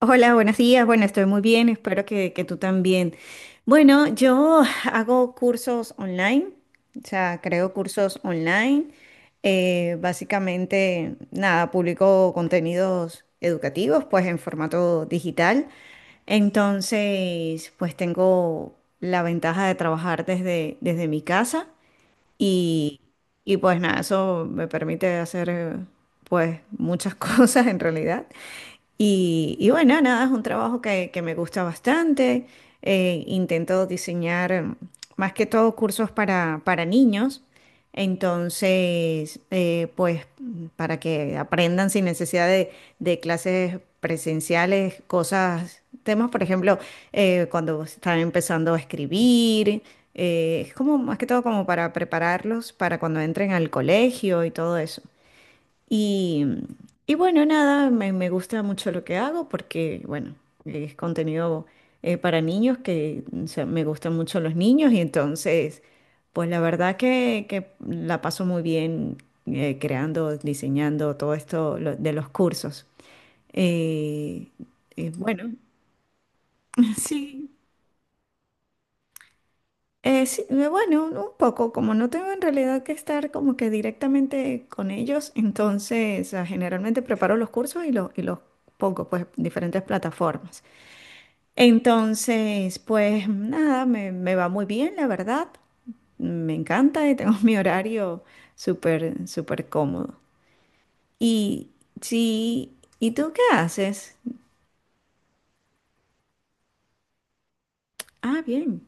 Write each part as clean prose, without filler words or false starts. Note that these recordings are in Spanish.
Hola, buenos días. Bueno, estoy muy bien, espero que tú también. Bueno, yo hago cursos online, o sea, creo cursos online. Básicamente, nada, publico contenidos educativos, pues en formato digital. Entonces, pues tengo la ventaja de trabajar desde mi casa y, y pues nada, eso me permite hacer pues muchas cosas en realidad. Y bueno, nada, es un trabajo que me gusta bastante. Intento diseñar más que todo cursos para niños. Entonces, pues para que aprendan sin necesidad de clases presenciales, cosas, temas, por ejemplo, cuando están empezando a escribir. Eh, es como más que todo como para prepararlos para cuando entren al colegio y todo eso. Y, y bueno, nada, me gusta mucho lo que hago porque, bueno, es contenido para niños que o sea, me gustan mucho los niños y entonces, pues la verdad que la paso muy bien creando, diseñando todo esto de los cursos. Eh, bueno, sí. Sí, bueno, un poco, como no tengo en realidad que estar como que directamente con ellos, entonces generalmente preparo los cursos y, los pongo pues en diferentes plataformas. Entonces, pues nada, me va muy bien, la verdad. Me encanta y tengo mi horario súper, súper cómodo. Y sí, ¿y tú qué haces? Ah, bien,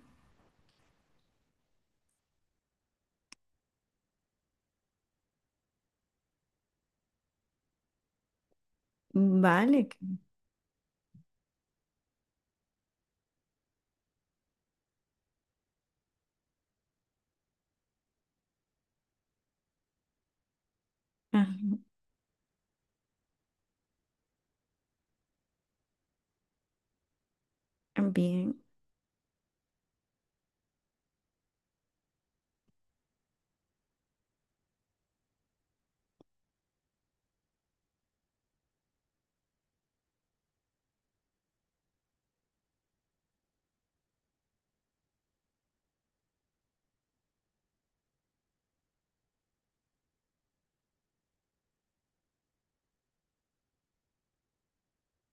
vale. Ah, bien.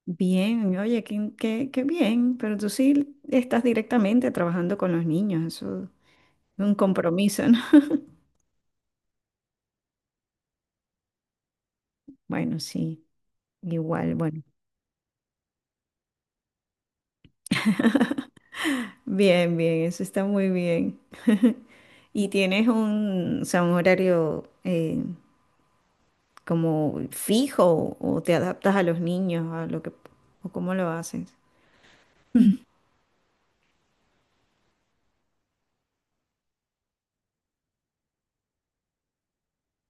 Bien, oye, qué bien, pero tú sí estás directamente trabajando con los niños, eso es un compromiso, ¿no? Bueno, sí, igual, bueno. Bien, bien, eso está muy bien. ¿Y tienes un, o sea, un horario como fijo o te adaptas a los niños, a lo que, o cómo lo haces?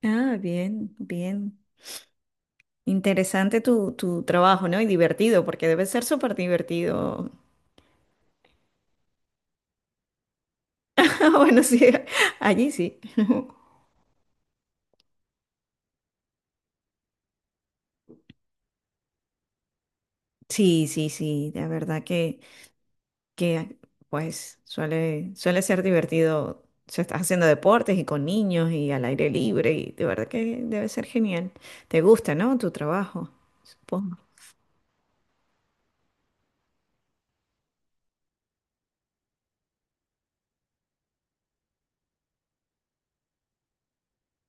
Ah, bien, bien. Interesante tu trabajo, ¿no? Y divertido, porque debe ser súper divertido. Ah, bueno, sí, allí sí. Sí, sí, sí, la verdad que pues suele ser divertido. Se estás haciendo deportes y con niños y al aire libre y de verdad que debe ser genial. ¿Te gusta, no? Tu trabajo, supongo.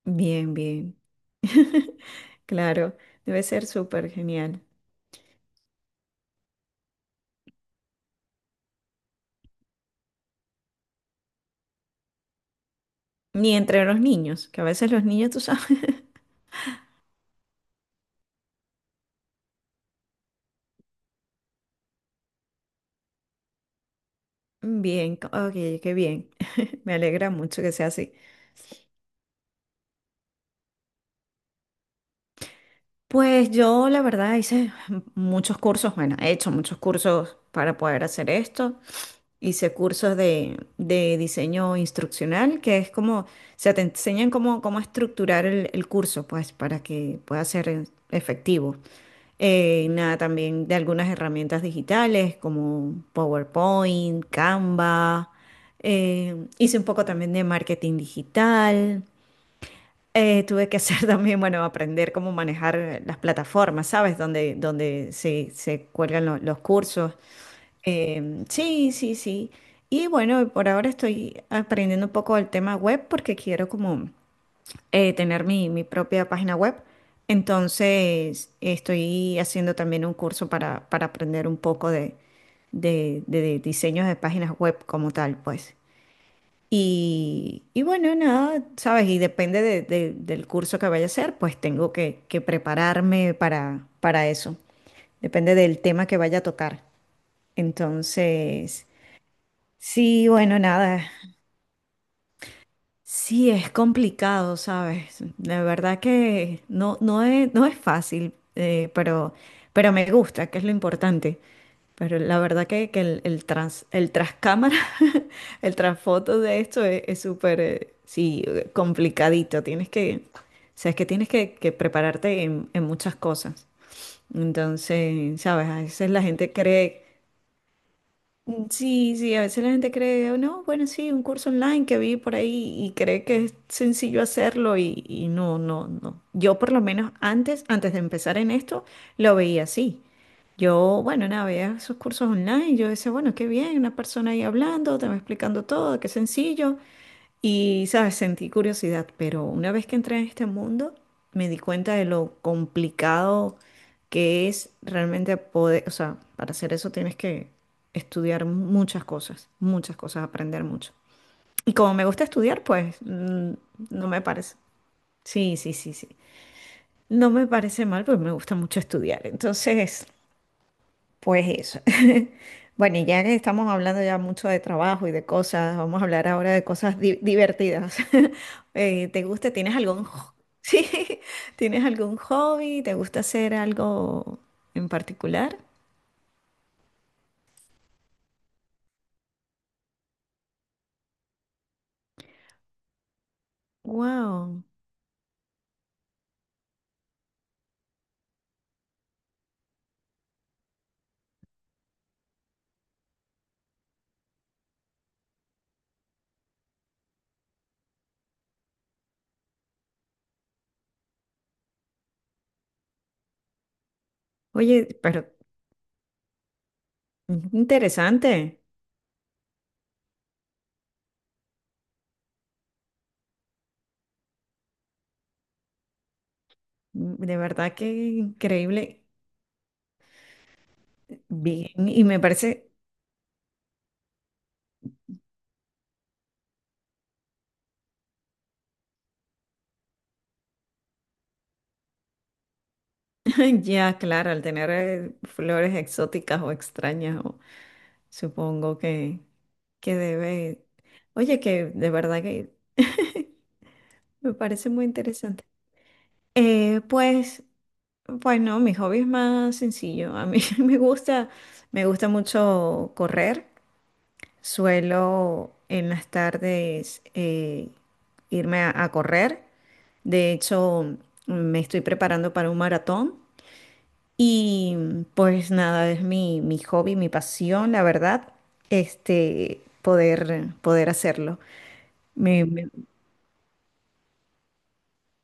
Bien, bien. Claro, debe ser súper genial. Ni entre los niños, que a veces los niños, tú sabes. Bien, ok, qué bien. Me alegra mucho que sea así. Pues yo la verdad hice muchos cursos, bueno, he hecho muchos cursos para poder hacer esto. Hice cursos de diseño instruccional, que es como, se te enseñan cómo estructurar el curso, pues para que pueda ser efectivo. Nada, también de algunas herramientas digitales como PowerPoint, Canva. Hice un poco también de marketing digital. Tuve que hacer también, bueno, aprender cómo manejar las plataformas, ¿sabes? Donde se cuelgan los cursos. Sí, sí, sí. Y bueno, por ahora estoy aprendiendo un poco el tema web porque quiero como tener mi propia página web. Entonces, estoy haciendo también un curso para aprender un poco de diseños de páginas web como tal, pues. Y bueno, nada, sabes, y depende del curso que vaya a hacer, pues tengo que prepararme para eso. Depende del tema que vaya a tocar. Entonces, sí, bueno, nada, sí, es complicado, ¿sabes? La verdad que no, no es fácil, pero me gusta, que es lo importante. Pero la verdad que el, el tras cámara, el trasfoto de esto es súper, sí, complicadito. Tienes que, o sea, es que tienes que prepararte en muchas cosas. Entonces, ¿sabes? A veces la gente cree... sí, sí, a veces la gente cree, "Oh, no, bueno, sí, un curso online que vi por ahí y cree que es sencillo hacerlo y no, no, no". Yo por lo menos antes de empezar en esto, lo veía así. Yo, bueno, nada, veía esos cursos online, yo decía, bueno, qué bien, una persona ahí hablando, te va explicando todo, qué sencillo. Y, sabes, sentí curiosidad, pero una vez que entré en este mundo, me di cuenta de lo complicado que es realmente poder, o sea, para hacer eso tienes que estudiar muchas cosas, aprender mucho. Y como me gusta estudiar, pues no me parece. Sí, sí, sí, sí. No me parece mal, pues me gusta mucho estudiar. Entonces, pues eso. Bueno, y ya que estamos hablando ya mucho de trabajo y de cosas, vamos a hablar ahora de cosas divertidas. ¿Te gusta? Sí, ¿tienes algún hobby? ¿Te gusta hacer algo en particular? Wow. Oye, pero interesante. De verdad que increíble. Bien. Y me parece, ya claro, al tener flores exóticas o extrañas, supongo que debe. Oye, que de verdad que me parece muy interesante. Pues, pues no, mi hobby es más sencillo. A mí me gusta mucho correr. Suelo en las tardes irme a correr. De hecho, me estoy preparando para un maratón. Y pues nada, es mi, mi hobby, mi pasión, la verdad, este, poder hacerlo. Me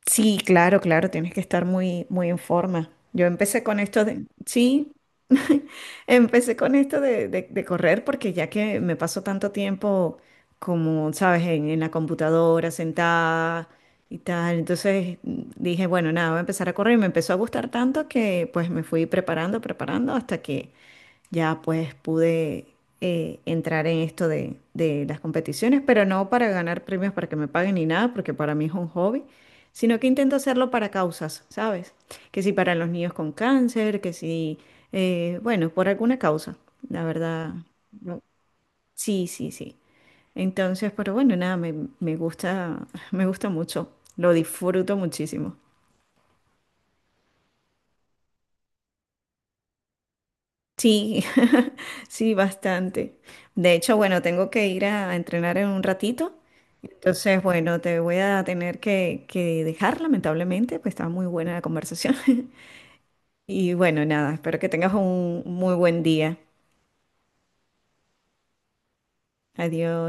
Sí, claro, claro, tienes que estar muy, muy en forma. Yo empecé con esto de, sí, empecé con esto de correr porque ya que me paso tanto tiempo como, sabes, en la computadora sentada y tal, entonces dije, bueno, nada, voy a empezar a correr y me empezó a gustar tanto que pues me fui preparando, preparando hasta que ya pues pude entrar en esto de las competiciones, pero no para ganar premios para que me paguen ni nada, porque para mí es un hobby, sino que intento hacerlo para causas, ¿sabes? Que si para los niños con cáncer, que si, bueno, por alguna causa, la verdad. no- Sí, sí, sí. Entonces, pero bueno, nada, me gusta, me gusta mucho, lo disfruto muchísimo. Sí, sí, bastante. De hecho, bueno, tengo que ir a entrenar en un ratito. Entonces, bueno, te voy a tener que dejar, lamentablemente, pues estaba muy buena la conversación. Y bueno, nada, espero que tengas un muy buen día. Adiós.